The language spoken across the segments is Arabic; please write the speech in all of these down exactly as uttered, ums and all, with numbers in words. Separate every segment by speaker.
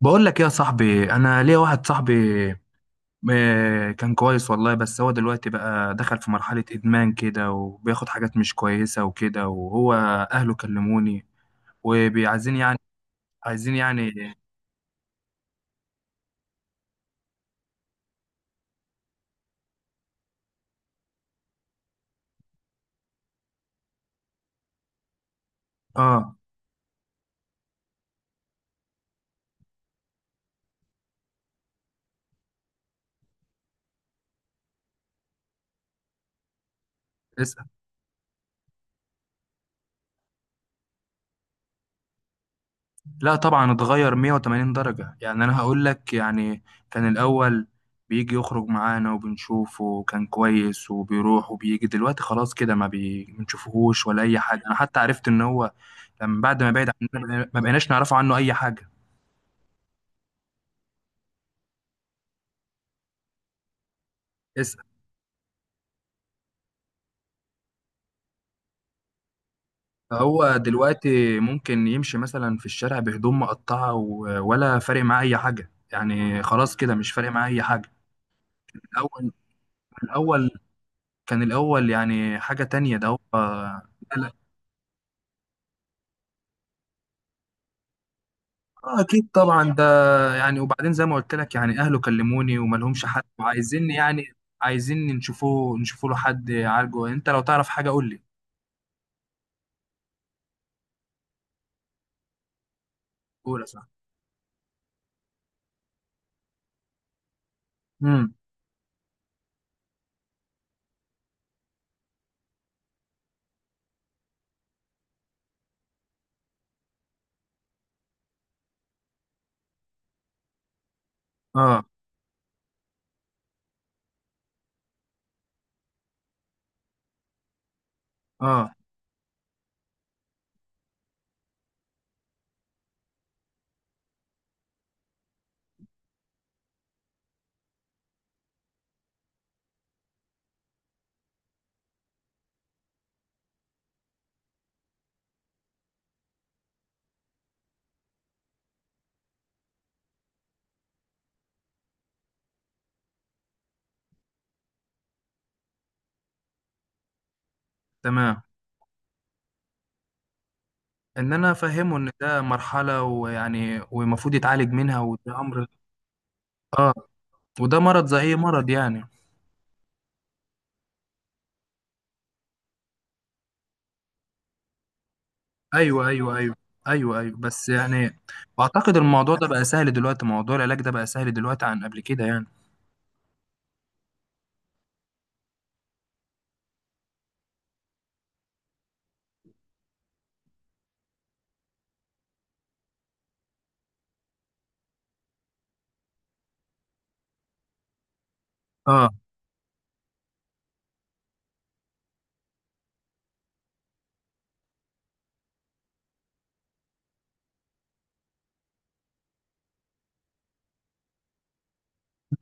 Speaker 1: بقول لك إيه يا صاحبي. انا ليا واحد صاحبي، آه، كان كويس والله. بس هو دلوقتي بقى دخل في مرحلة ادمان كده، وبياخد حاجات مش كويسة وكده. وهو اهله كلموني، وبيعايزين يعني عايزين يعني. اه. اسأل. لا طبعا، اتغير مية وثمانين درجة، يعني انا هقول لك يعني. كان الاول بيجي يخرج معانا وبنشوفه وكان كويس، وبيروح وبيجي. دلوقتي خلاص كده، ما بي- بنشوفهوش ولا اي حاجة. انا حتى عرفت ان هو لما بعد ما بعد عننا، ما بقيناش نعرفه عنه اي حاجة. اسأل. فهو دلوقتي ممكن يمشي مثلا في الشارع بهدوم مقطعة و- ولا فارق معاه اي حاجة يعني. خلاص كده مش فارق معاه اي حاجة. الاول الاول كان الاول يعني حاجة تانية ده، هو. اه اكيد طبعا ده، يعني. وبعدين زي ما قلت لك يعني اهله كلموني، وما لهمش حد، وعايزين يعني. عايزين نشوفوه، نشوفوا له حد يعالجه. انت لو تعرف حاجه قول لي. قول يا صاحبي. امم. اه. اه. تمام. ان انا افهمه ان ده مرحله ويعني والمفروض يتعالج منها، وده امر. اه. وده مرض زي اي مرض يعني. ايوه ايوه ايوه. ايوه ايوه، بس يعني واعتقد الموضوع ده بقى سهل دلوقتي، موضوع العلاج ده بقى سهل دلوقتي عن قبل كده يعني. اه.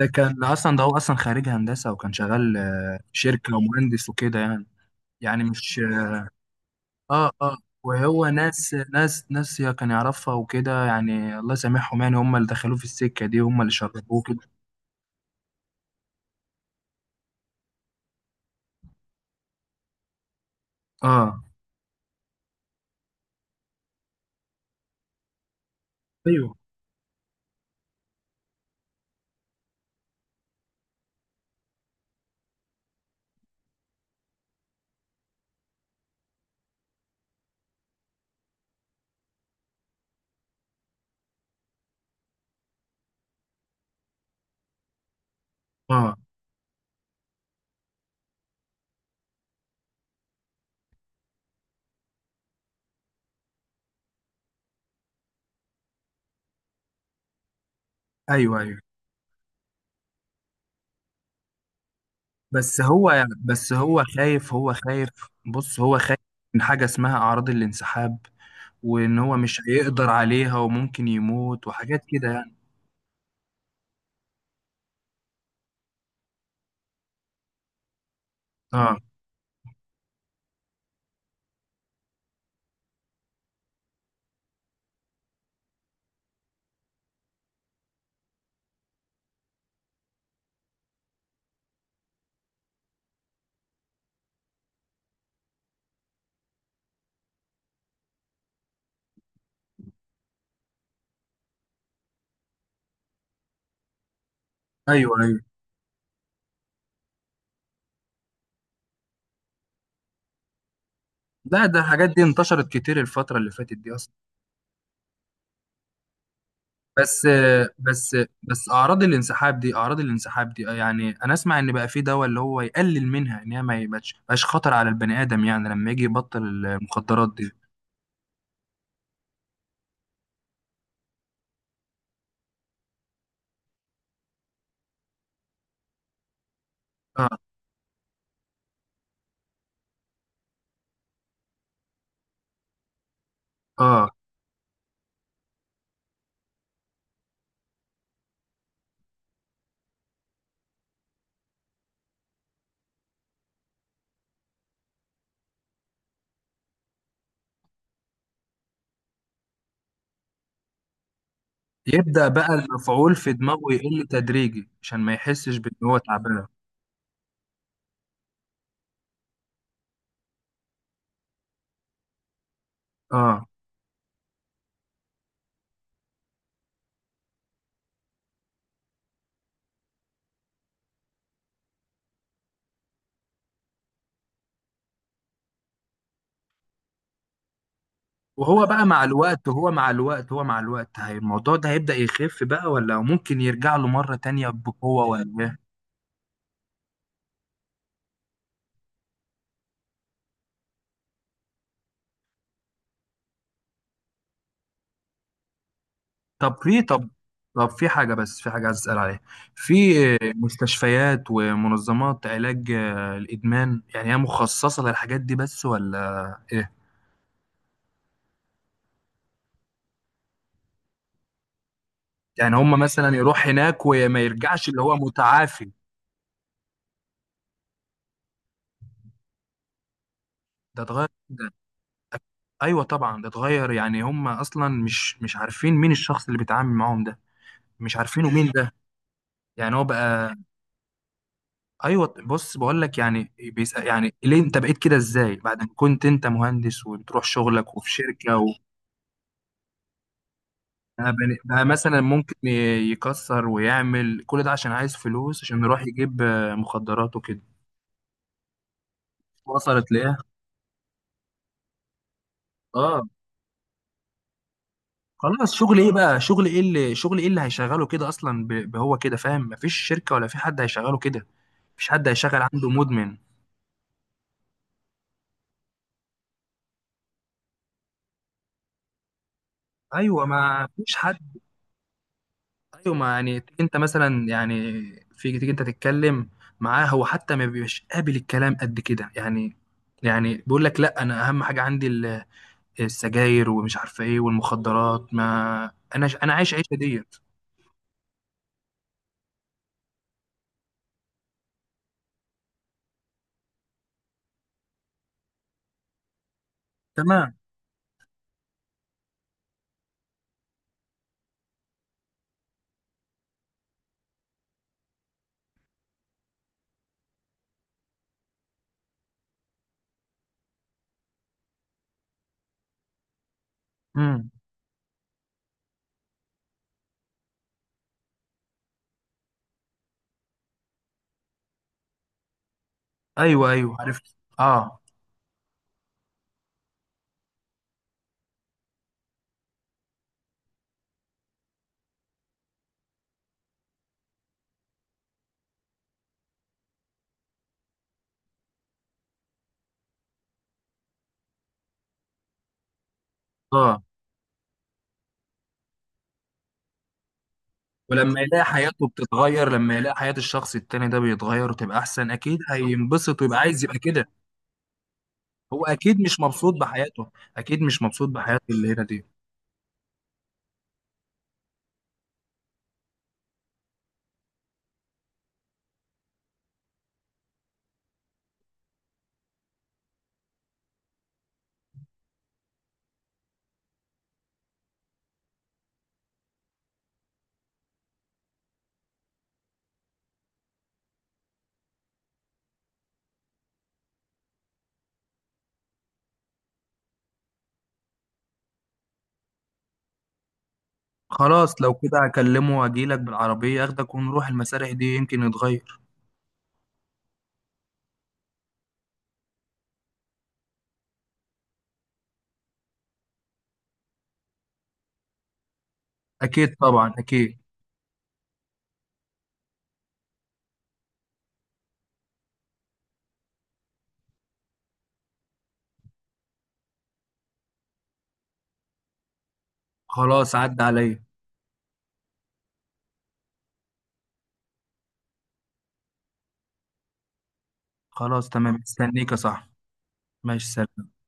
Speaker 1: ده كان اصلا ده هو اصلا خريج هندسه وكان شغال آه، في شركه ومهندس وكده يعني. يعني مش. اه. اه. وهو ناس ناس ناس يا كان يعرفها وكده، يعني الله يسامحهم، يعني هم اللي دخلوه في السكه دي، هم اللي شربوه كده. اه. ايوه. اه. ايوه ايوه. بس هو بس هو خايف. هو خايف. بص، هو خايف من حاجه اسمها اعراض الانسحاب، وان هو مش هيقدر عليها وممكن يموت وحاجات كده يعني. اه. ايوه ايوه. لا، ده الحاجات دي انتشرت كتير الفتره اللي فاتت دي اصلا. بس بس بس. اعراض الانسحاب دي اعراض الانسحاب دي آه، يعني انا اسمع ان بقى في دواء اللي هو يقلل منها، ان هي ما يبقاش مبقاش خطر على البني ادم، يعني لما يجي يبطل المخدرات دي. اه. اه. يبدأ بقى المفعول في دماغه يقل تدريجي عشان ما يحسش بان هو تعبان. اه. وهو بقى مع الوقت وهو مع الوقت هو مع الوقت هي، الموضوع ده هيبدأ يخف بقى، ولا ممكن يرجع له مرة تانية بقوة ولا إيه؟ طب في طب طب في حاجة، بس في حاجة عايز أسأل عليها. في مستشفيات ومنظمات علاج آه، الإدمان، يعني هي مخصصة للحاجات دي بس ولا إيه؟ يعني هم مثلا يروح هناك وما يرجعش اللي هو متعافي. ده اتغير ده أيوه طبعا ده اتغير، يعني هم أصلا مش مش عارفين مين الشخص اللي بيتعامل معاهم ده. مش عارفينه مين ده. يعني هو بقى. ايوه، بص بقول لك يعني. بيسأل يعني ليه انت بقيت كده؟ ازاي بعد ما كنت انت مهندس وبتروح شغلك وفي شركه؟ بقى بني- بقى مثلا ممكن ي- يكسر ويعمل كل ده عشان عايز فلوس عشان يروح يجيب آه، مخدرات وكده. وصلت ليه. اه. خلاص. شغل ايه بقى شغل ايه اللي شغل ايه اللي هيشغله كده اصلا، ب- بهو كده فاهم. مفيش شركة ولا في حد هيشغله كده. مفيش حد هيشغل عنده مدمن. ايوه ما فيش حد. ايوه، ما يعني تيجي انت مثلا يعني في تيجي انت تتكلم معاه، هو حتى ما بيبقاش قابل الكلام قد كده يعني. يعني بيقول لك لا، انا اهم حاجة عندي السجاير ومش عارفه ايه والمخدرات، ما انا ش... انا عايش عيشه ديت. تمام. امم. ايوه ايوه عرفت. اه. اه. ولما يلاقي حياته بتتغير، لما يلاقي حياة الشخص التاني ده بيتغير وتبقى احسن، اكيد هينبسط ويبقى عايز يبقى كده. هو اكيد مش مبسوط بحياته. اكيد مش مبسوط بحياته اللي هنا دي. خلاص لو كده هكلمه واجيلك بالعربية، اخدك ونروح المسارح دي يمكن يتغير. اكيد طبعا اكيد. خلاص عدى عليا. خلاص تمام، استنيك يا صاحبي. ماشي سلام.